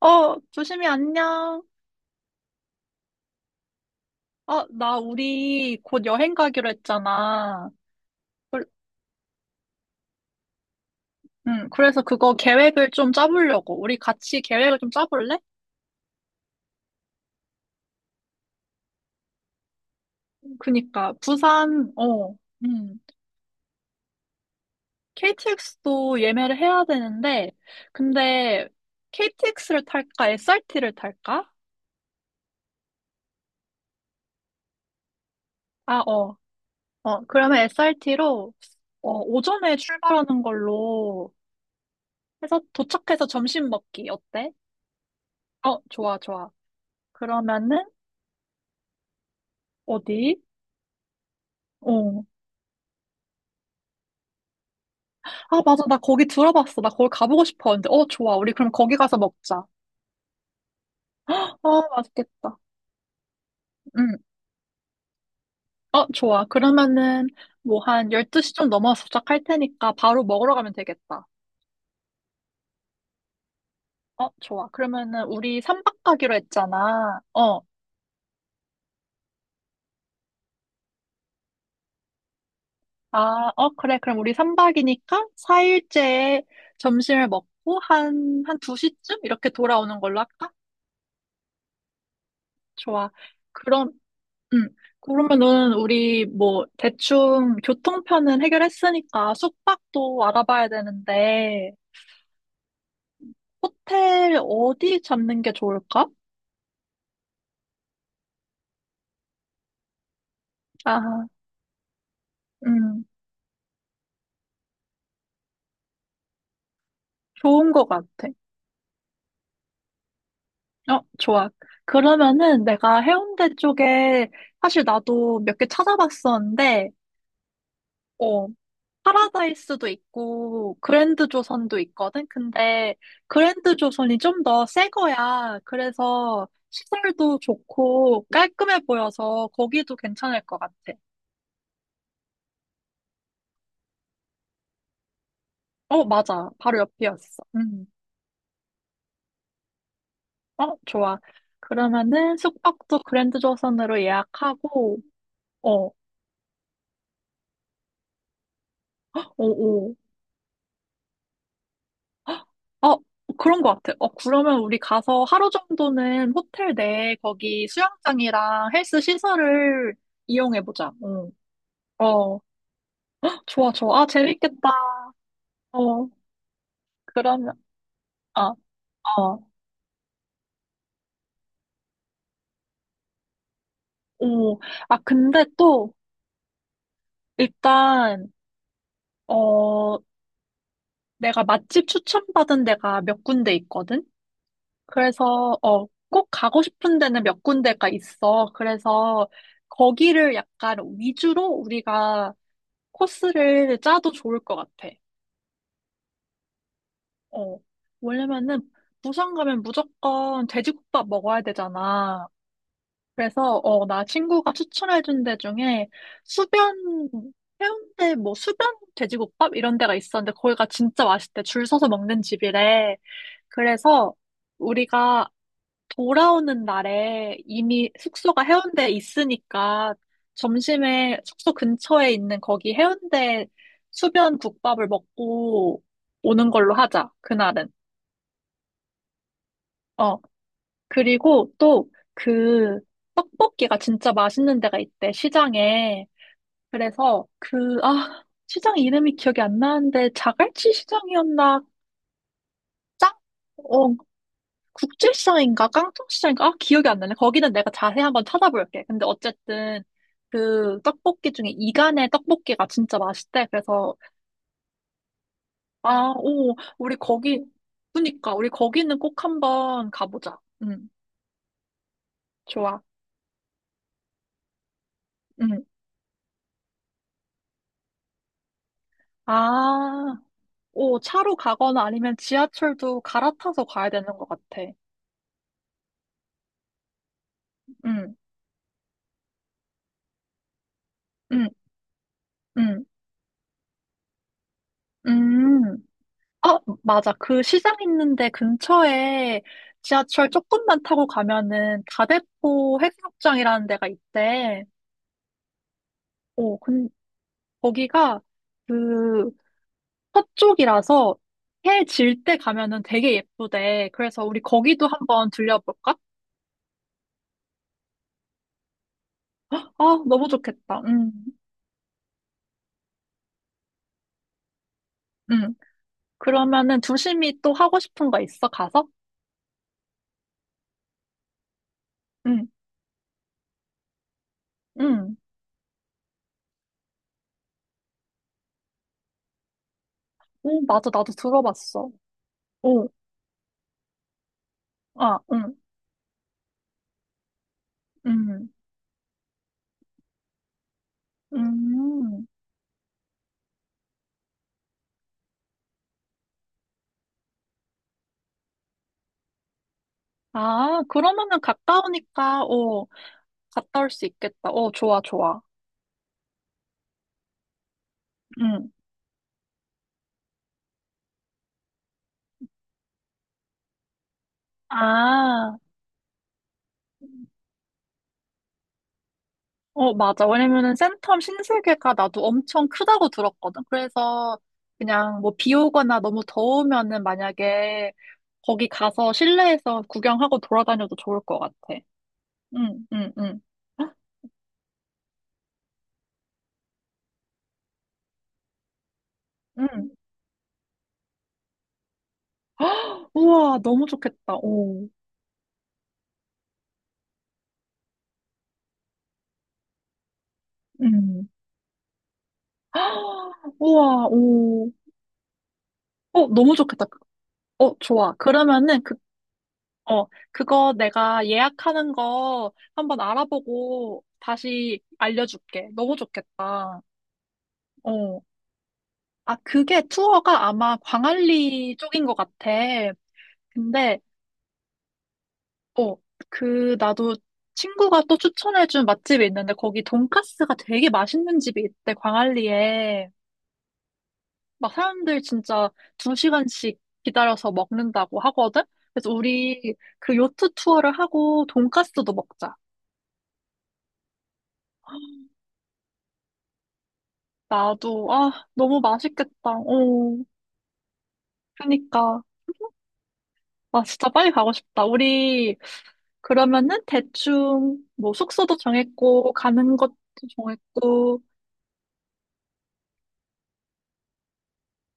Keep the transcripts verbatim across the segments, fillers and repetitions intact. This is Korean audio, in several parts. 어, 조심히 안녕. 어, 나 우리 곧 여행 가기로 했잖아. 그- 응, 그래서 그거 계획을 좀 짜보려고. 우리 같이 계획을 좀 짜볼래? 그니까, 부산, 어, 음, 케이티엑스도 예매를 해야 되는데, 근데 케이티엑스를 탈까? 에스알티를 탈까? 아, 어, 어, 그러면 에스알티로, 어, 오전에 출발하는 걸로 해서 도착해서 점심 먹기. 어때? 어, 좋아, 좋아. 그러면은, 어디? 어. 아, 맞아. 나 거기 들어봤어. 나 거기 가보고 싶어. 근데, 어, 좋아. 우리 그럼 거기 가서 먹자. 아, 맛있겠다. 응. 어, 좋아. 그러면은, 뭐, 한 열두 시 좀 넘어서 도착할 테니까 바로 먹으러 가면 되겠다. 어, 좋아. 그러면은, 우리 삼 박 가기로 했잖아. 어. 아, 어, 그래. 그럼 우리 삼 박이니까 사 일째에 점심을 먹고 한, 한 두 시쯤? 이렇게 돌아오는 걸로 할까? 좋아. 그럼, 음, 그러면은 우리 뭐 대충 교통편은 해결했으니까 숙박도 알아봐야 되는데 호텔 어디 잡는 게 좋을까? 아, 음, 좋은 것 같아. 어, 좋아. 그러면은 내가 해운대 쪽에 사실 나도 몇 개 찾아봤었는데, 어, 파라다이스도 있고 그랜드 조선도 있거든. 근데 그랜드 조선이 좀 더 새 거야. 그래서 시설도 좋고 깔끔해 보여서 거기도 괜찮을 것 같아. 어, 맞아. 바로 옆이었어. 음. 어, 좋아. 그러면은 숙박도 그랜드 조선으로 예약하고 어, 오, 오. 어, 그런 것 같아. 어, 그러면 우리 가서 하루 정도는 호텔 내 거기 수영장이랑 헬스 시설을 이용해 보자. 응. 어. 좋아, 좋아. 아, 재밌겠다. 어, 그러면, 아, 어, 오. 아, 근데 또, 일단, 어, 내가 맛집 추천받은 데가 몇 군데 있거든? 그래서, 어, 꼭 가고 싶은 데는 몇 군데가 있어. 그래서, 거기를 약간 위주로 우리가 코스를 짜도 좋을 것 같아. 어, 왜냐면은, 부산 가면 무조건 돼지국밥 먹어야 되잖아. 그래서 어, 나 친구가 추천해준 데 중에 수변 해운대 뭐 수변 돼지국밥 이런 데가 있었는데 거기가 진짜 맛있대. 줄 서서 먹는 집이래. 그래서 우리가 돌아오는 날에 이미 숙소가 해운대에 있으니까 점심에 숙소 근처에 있는 거기 해운대 수변 국밥을 먹고 오는 걸로 하자. 그날은. 어. 그리고 또 그 떡볶이가 진짜 맛있는 데가 있대. 시장에. 그래서 그, 아, 시장 이름이 기억이 안 나는데 자갈치 시장이었나? 짱? 어, 국제시장인가? 깡통시장인가? 아, 기억이 안 나네. 거기는 내가 자세히 한번 찾아볼게. 근데 어쨌든 그 떡볶이 중에 이간의 떡볶이가 진짜 맛있대. 그래서 아, 오, 우리 거기, 그니까 우리 거기는 꼭 한번 가보자. 응, 좋아. 응. 아, 오, 차로 가거나 아니면 지하철도 갈아타서 가야 되는 것 같아. 응, 응, 응. 음, 어, 맞아. 그 시장 있는데 근처에 지하철 조금만 타고 가면은 다대포 해수욕장이라는 데가 있대. 어, 근, 거기가 그 서쪽이라서 해 질 때 가면은 되게 예쁘대. 그래서 우리 거기도 한번 들려볼까? 아, 너무 좋겠다. 음, 음. 그러면은 두심이 또 하고 싶은 거 있어? 가서? 응, 응. 오, 맞아. 나도 들어봤어. 오, 아, 응, 응, 음. 음. 아, 그러면은 가까우니까, 어, 갔다 올 수 있겠다. 어, 좋아, 좋아. 응. 아, 어, 맞아. 왜냐면은 센텀 신세계가 나도 엄청 크다고 들었거든. 그래서 그냥 뭐 비 오거나 너무 더우면은 만약에 거기 가서 실내에서 구경하고 돌아다녀도 좋을 것 같아. 응, 응, 응, 응. 우와, 너무 좋겠다. 오, 응. 우와, 오. 어, 너무 좋겠다. 어, 좋아. 그러면은 그 어, 그거 내가 예약하는 거 한번 알아보고 다시 알려줄게. 너무 좋겠다. 어. 아, 그게 투어가 아마 광안리 쪽인 것 같아. 근데, 어, 그, 나도 친구가 또 추천해준 맛집이 있는데 거기 돈까스가 되게 맛있는 집이 있대, 광안리에. 막 사람들 진짜 두 시간씩 기다려서 먹는다고 하거든? 그래서 우리 그 요트 투어를 하고 돈까스도 먹자. 나도, 아, 너무 맛있겠다. 어, 그니까. 아, 진짜 빨리 가고 싶다. 우리, 그러면은 대충, 뭐, 숙소도 정했고, 가는 것도 정했고,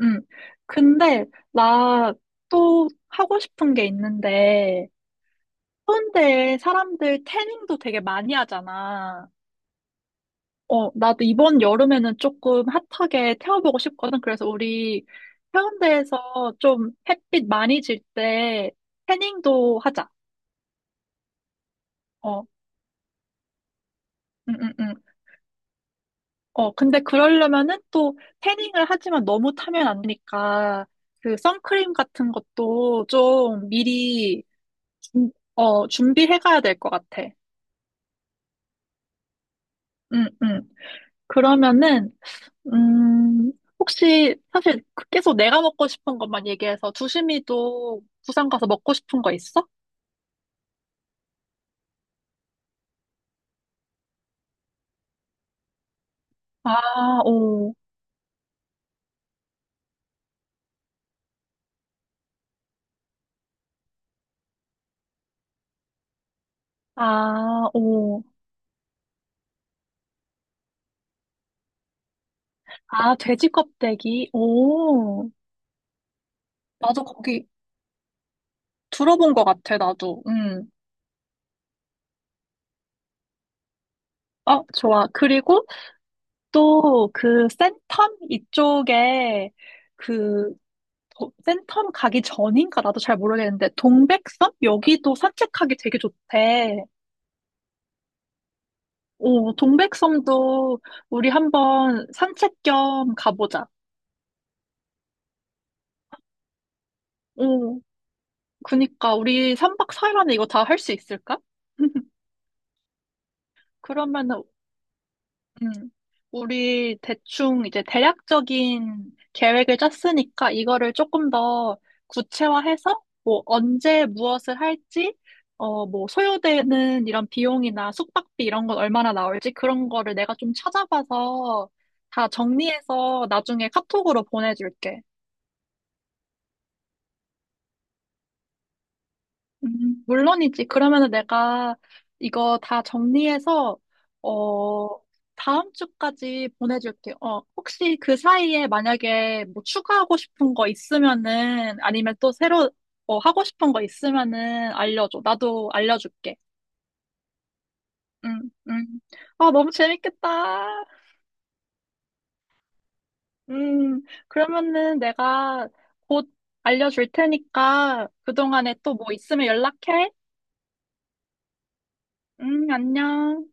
음. 근데, 나 또 하고 싶은 게 있는데, 해운대에 사람들 태닝도 되게 많이 하잖아. 어, 나도 이번 여름에는 조금 핫하게 태워보고 싶거든. 그래서 우리 해운대에서 좀 햇빛 많이 질 때 태닝도 하자. 어, 음, 음, 음. 어, 근데 그러려면은 또 태닝을 하지만 너무 타면 안 되니까 그 선크림 같은 것도 좀 미리 준- 어, 준비해 가야 될 것 같아. 음, 음. 그러면은 음, 혹시 사실 그- 계속 내가 먹고 싶은 것만 얘기해서 두심이도 부산 가서 먹고 싶은 거 있어? 아, 오. 아, 오. 아, 돼지 껍데기. 오. 나도 거기 들어본 것 같아, 나도. 음. 어, 좋아. 그리고 또 그 센텀 이쪽에 그 도- 센텀 가기 전인가 나도 잘 모르겠는데 동백섬 여기도 산책하기 되게 좋대. 오, 동백섬도 우리 한번 산책 겸 가보자. 오, 그니까 우리 삼 박 사 일 안에 이거 다 할 수 있을까? 그러면은 음, 우리 대충 이제 대략적인 계획을 짰으니까 이거를 조금 더 구체화해서 뭐 언제 무엇을 할지, 어, 뭐 소요되는 이런 비용이나 숙박비 이런 건 얼마나 나올지 그런 거를 내가 좀 찾아봐서 다 정리해서 나중에 카톡으로 보내줄게. 음, 물론이지. 그러면은 내가 이거 다 정리해서, 어, 다음 주까지 보내줄게. 어, 혹시 그 사이에 만약에 뭐 추가하고 싶은 거 있으면은, 아니면 또 새로, 어, 하고 싶은 거 있으면은 알려줘. 나도 알려줄게. 응, 응. 아, 너무 재밌겠다. 음, 그러면은 내가 곧 알려줄 테니까 그동안에 또 뭐 있으면 연락해. 음 안녕.